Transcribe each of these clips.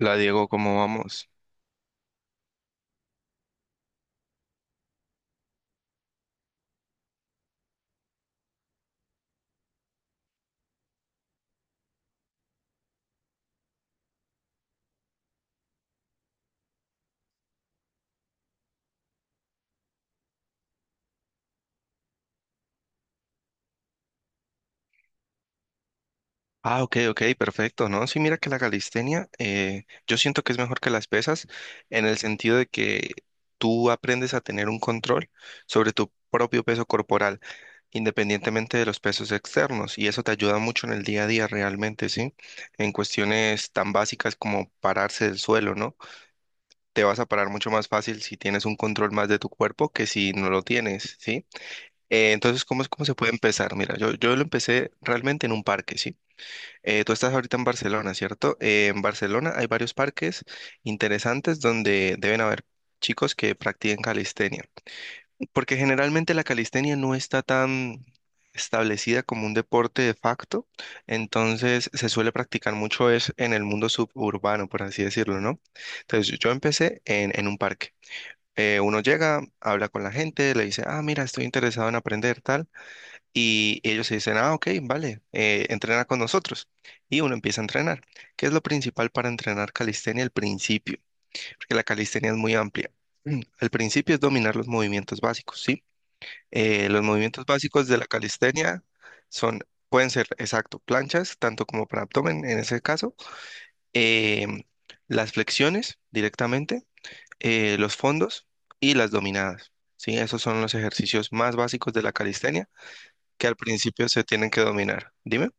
La Diego, ¿cómo vamos? Ah, ok, ok, perfecto, ¿no? Sí, mira que la calistenia, yo siento que es mejor que las pesas en el sentido de que tú aprendes a tener un control sobre tu propio peso corporal, independientemente de los pesos externos, y eso te ayuda mucho en el día a día realmente, ¿sí? En cuestiones tan básicas como pararse del suelo, ¿no? Te vas a parar mucho más fácil si tienes un control más de tu cuerpo que si no lo tienes, ¿sí? Entonces, ¿cómo es cómo se puede empezar? Mira, yo lo empecé realmente en un parque, ¿sí? Tú estás ahorita en Barcelona, ¿cierto? En Barcelona hay varios parques interesantes donde deben haber chicos que practiquen calistenia, porque generalmente la calistenia no está tan establecida como un deporte de facto, entonces se suele practicar mucho es en el mundo suburbano, por así decirlo, ¿no? Entonces yo empecé en un parque. Uno llega, habla con la gente, le dice, ah, mira, estoy interesado en aprender tal. Y ellos se dicen, ah, ok, vale, entrena con nosotros. Y uno empieza a entrenar. ¿Qué es lo principal para entrenar calistenia al principio? Porque la calistenia es muy amplia. Al principio es dominar los movimientos básicos, ¿sí? Los movimientos básicos de la calistenia son, pueden ser, exacto, planchas, tanto como para abdomen en ese caso, em, las flexiones directamente, los fondos y las dominadas, ¿sí? Esos son los ejercicios más básicos de la calistenia que al principio se tienen que dominar. Dime.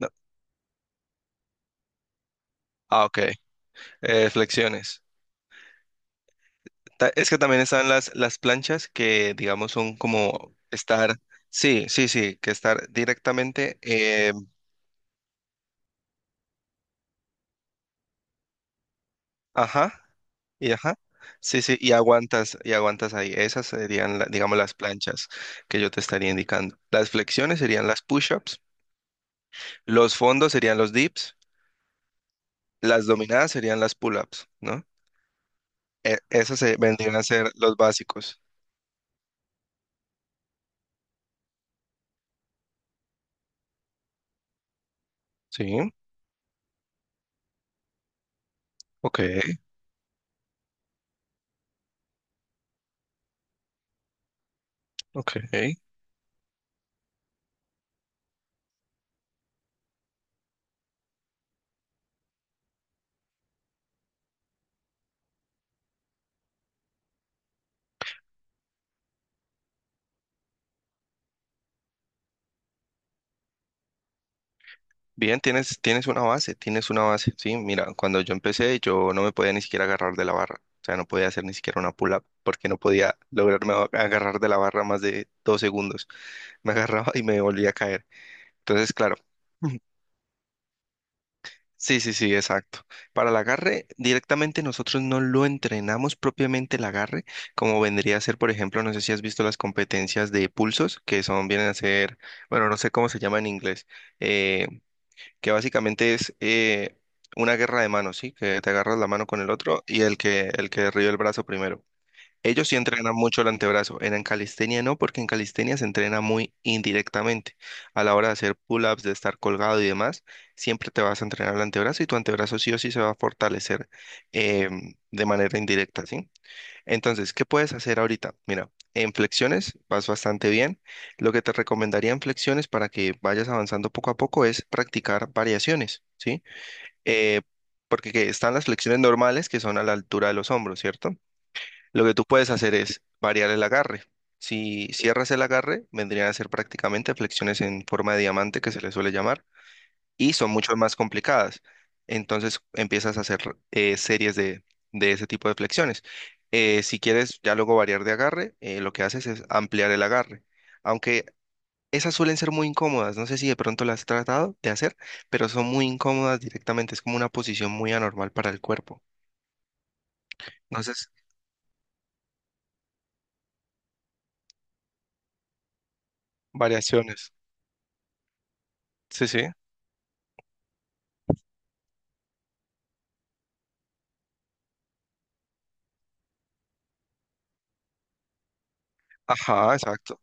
No. Ah, ok. Flexiones. Es que también están las planchas que, digamos, son como estar, sí, sí, sí, que estar directamente, ajá, y ajá, sí, sí, y aguantas ahí. Esas serían, digamos, las planchas que yo te estaría indicando. Las flexiones serían las push-ups, los fondos serían los dips, las dominadas serían las pull-ups, ¿no? Esas se vendrían a ser los básicos. Sí, ok. Ok, bien, tienes una base, tienes una base, sí, mira, cuando yo empecé yo no me podía ni siquiera agarrar de la barra, o sea, no podía hacer ni siquiera una pull-up porque no podía lograrme agarrar de la barra más de dos segundos, me agarraba y me volvía a caer, entonces, claro, Ujú. Sí, sí, sí, exacto, para el agarre directamente nosotros no lo entrenamos propiamente el agarre, como vendría a ser, por ejemplo, no sé si has visto las competencias de pulsos, que son, vienen a ser, bueno, no sé cómo se llama en inglés, eh, que básicamente es una guerra de manos, ¿sí? Que te agarras la mano con el otro y el que derriba el brazo primero. Ellos sí entrenan mucho el antebrazo, en calistenia no, porque en calistenia se entrena muy indirectamente. A la hora de hacer pull-ups, de estar colgado y demás, siempre te vas a entrenar el antebrazo y tu antebrazo sí o sí se va a fortalecer de manera indirecta, ¿sí? Entonces, ¿qué puedes hacer ahorita? Mira, en flexiones vas bastante bien. Lo que te recomendaría en flexiones para que vayas avanzando poco a poco es practicar variaciones, ¿sí? Eh, Porque que están las flexiones normales que son a la altura de los hombros, ¿cierto? Lo que tú puedes hacer es variar el agarre. Si cierras el agarre, vendrían a ser prácticamente flexiones en forma de diamante que se le suele llamar y son mucho más complicadas. Entonces empiezas a hacer series de ese tipo de flexiones. Si quieres ya luego variar de agarre, lo que haces es ampliar el agarre. Aunque esas suelen ser muy incómodas, no sé si de pronto las has tratado de hacer, pero son muy incómodas directamente, es como una posición muy anormal para el cuerpo. Entonces, variaciones. Sí, sí. Ajá, exacto.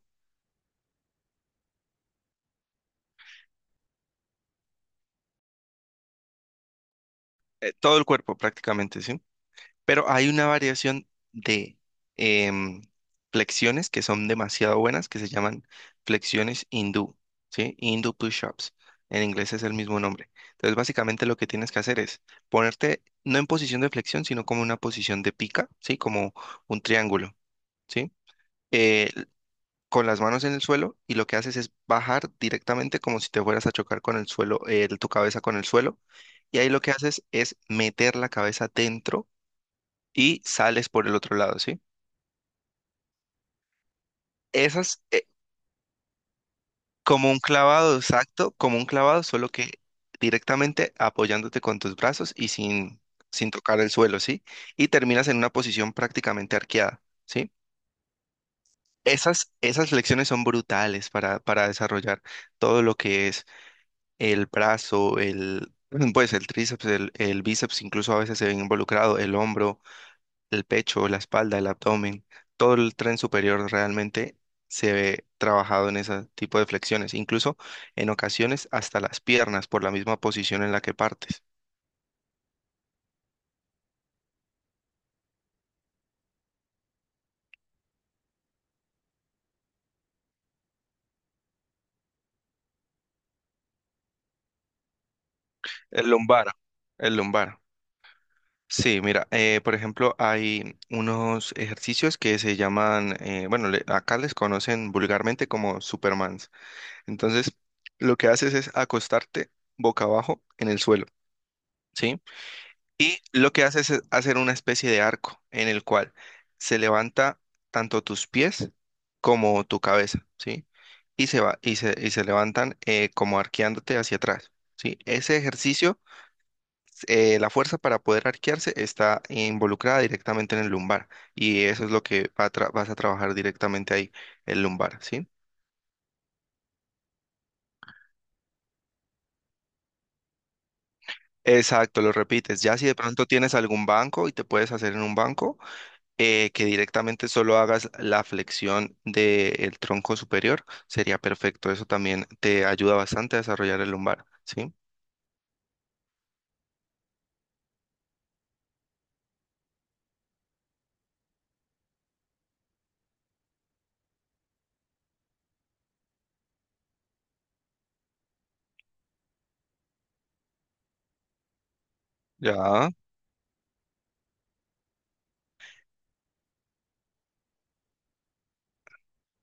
Todo el cuerpo prácticamente, ¿sí? Pero hay una variación de em, flexiones que son demasiado buenas, que se llaman flexiones hindú, ¿sí? Hindu push-ups. En inglés es el mismo nombre. Entonces, básicamente lo que tienes que hacer es ponerte no en posición de flexión, sino como una posición de pica, ¿sí? Como un triángulo, ¿sí? Eh, con las manos en el suelo y lo que haces es bajar directamente como si te fueras a chocar con el suelo, tu cabeza con el suelo. Y ahí lo que haces es meter la cabeza dentro y sales por el otro lado, ¿sí? Esas, eh, Como un clavado, exacto, como un clavado, solo que directamente apoyándote con tus brazos y sin, sin tocar el suelo, ¿sí? Y terminas en una posición prácticamente arqueada, ¿sí? Esas, esas flexiones son brutales para desarrollar todo lo que es el brazo, el, pues el tríceps, el bíceps, incluso a veces se ve involucrado, el hombro, el pecho, la espalda, el abdomen, todo el tren superior realmente se ve trabajado en ese tipo de flexiones, incluso en ocasiones hasta las piernas por la misma posición en la que partes. El lumbar, el lumbar. Sí, mira, por ejemplo, hay unos ejercicios que se llaman, bueno, acá les conocen vulgarmente como Supermans. Entonces, lo que haces es acostarte boca abajo en el suelo. ¿Sí? Y lo que hace es hacer una especie de arco en el cual se levanta tanto tus pies como tu cabeza, ¿sí? Y se va, y se levantan como arqueándote hacia atrás, ¿sí? Ese ejercicio, la fuerza para poder arquearse está involucrada directamente en el lumbar y eso es lo que va a vas a trabajar directamente ahí, el lumbar, ¿sí? Exacto, lo repites. Ya si de pronto tienes algún banco y te puedes hacer en un banco, que directamente solo hagas la flexión del tronco superior, sería perfecto. Eso también te ayuda bastante a desarrollar el lumbar, ¿sí? Ya.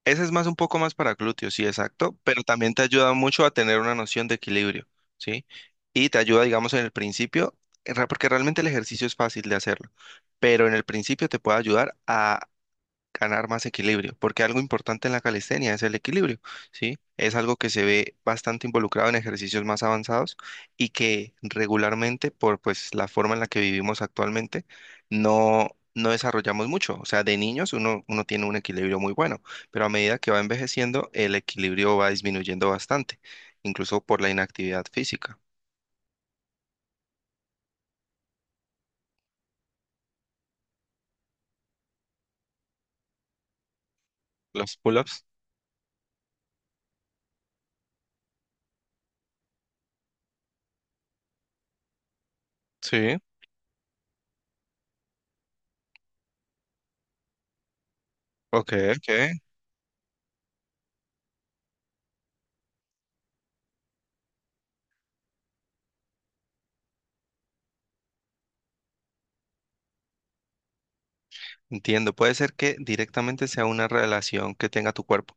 Ese es más un poco más para glúteos, sí, exacto, pero también te ayuda mucho a tener una noción de equilibrio, ¿sí? Y te ayuda, digamos, en el principio, porque realmente el ejercicio es fácil de hacerlo, pero en el principio te puede ayudar a ganar más equilibrio, porque algo importante en la calistenia es el equilibrio, ¿sí? Es algo que se ve bastante involucrado en ejercicios más avanzados y que regularmente, por pues la forma en la que vivimos actualmente, no, no desarrollamos mucho. O sea, de niños uno tiene un equilibrio muy bueno, pero a medida que va envejeciendo, el equilibrio va disminuyendo bastante, incluso por la inactividad física. Los pull-ups. Sí, ok, ok. Entiendo, puede ser que directamente sea una relación que tenga tu cuerpo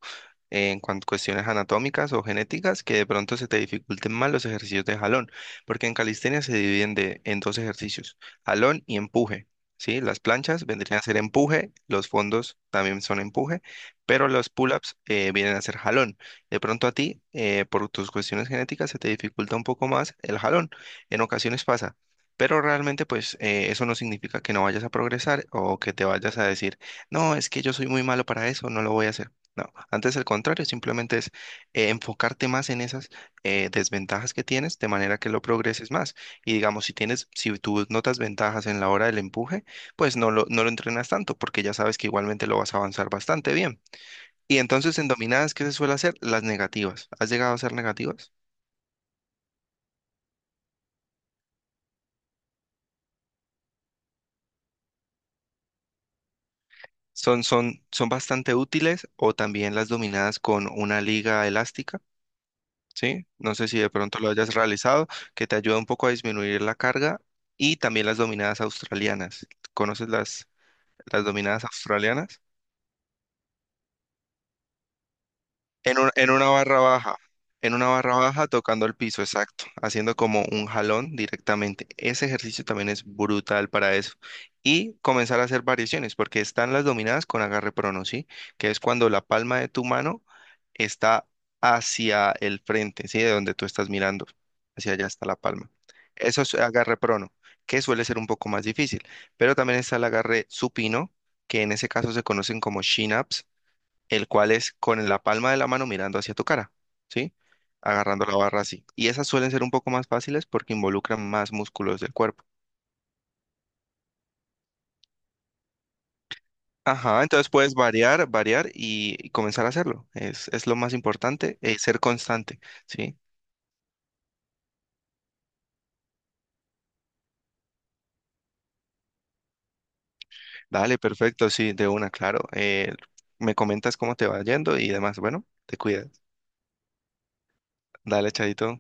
en cuanto a cuestiones anatómicas o genéticas que de pronto se te dificulten más los ejercicios de jalón, porque en calistenia se dividen en dos ejercicios, jalón y empuje, ¿sí? Las planchas vendrían a ser empuje, los fondos también son empuje, pero los pull-ups vienen a ser jalón. De pronto a ti, por tus cuestiones genéticas, se te dificulta un poco más el jalón. En ocasiones pasa. Pero realmente, pues, eso no significa que no vayas a progresar o que te vayas a decir, no, es que yo soy muy malo para eso, no lo voy a hacer. No, antes al contrario, simplemente es enfocarte más en esas desventajas que tienes de manera que lo progreses más. Y digamos, si tienes, si tú notas ventajas en la hora del empuje, pues no lo entrenas tanto porque ya sabes que igualmente lo vas a avanzar bastante bien. Y entonces en dominadas, ¿qué se suele hacer? Las negativas. ¿Has llegado a ser negativas? Son bastante útiles o también las dominadas con una liga elástica, ¿sí? No sé si de pronto lo hayas realizado, que te ayuda un poco a disminuir la carga y también las dominadas australianas. ¿Conoces las dominadas australianas? En una barra baja, en una barra baja tocando el piso, exacto, haciendo como un jalón directamente. Ese ejercicio también es brutal para eso. Y comenzar a hacer variaciones, porque están las dominadas con agarre prono, ¿sí? Que es cuando la palma de tu mano está hacia el frente, ¿sí? De donde tú estás mirando, hacia allá está la palma. Eso es agarre prono, que suele ser un poco más difícil, pero también está el agarre supino, que en ese caso se conocen como chin-ups el cual es con la palma de la mano mirando hacia tu cara, ¿sí? Agarrando la barra así. Y esas suelen ser un poco más fáciles porque involucran más músculos del cuerpo. Ajá, entonces puedes variar, variar y comenzar a hacerlo. Es lo más importante, ser constante, ¿sí? Dale, perfecto, sí, de una, claro. Me comentas cómo te va yendo y demás. Bueno, te cuidas. Dale, chadito.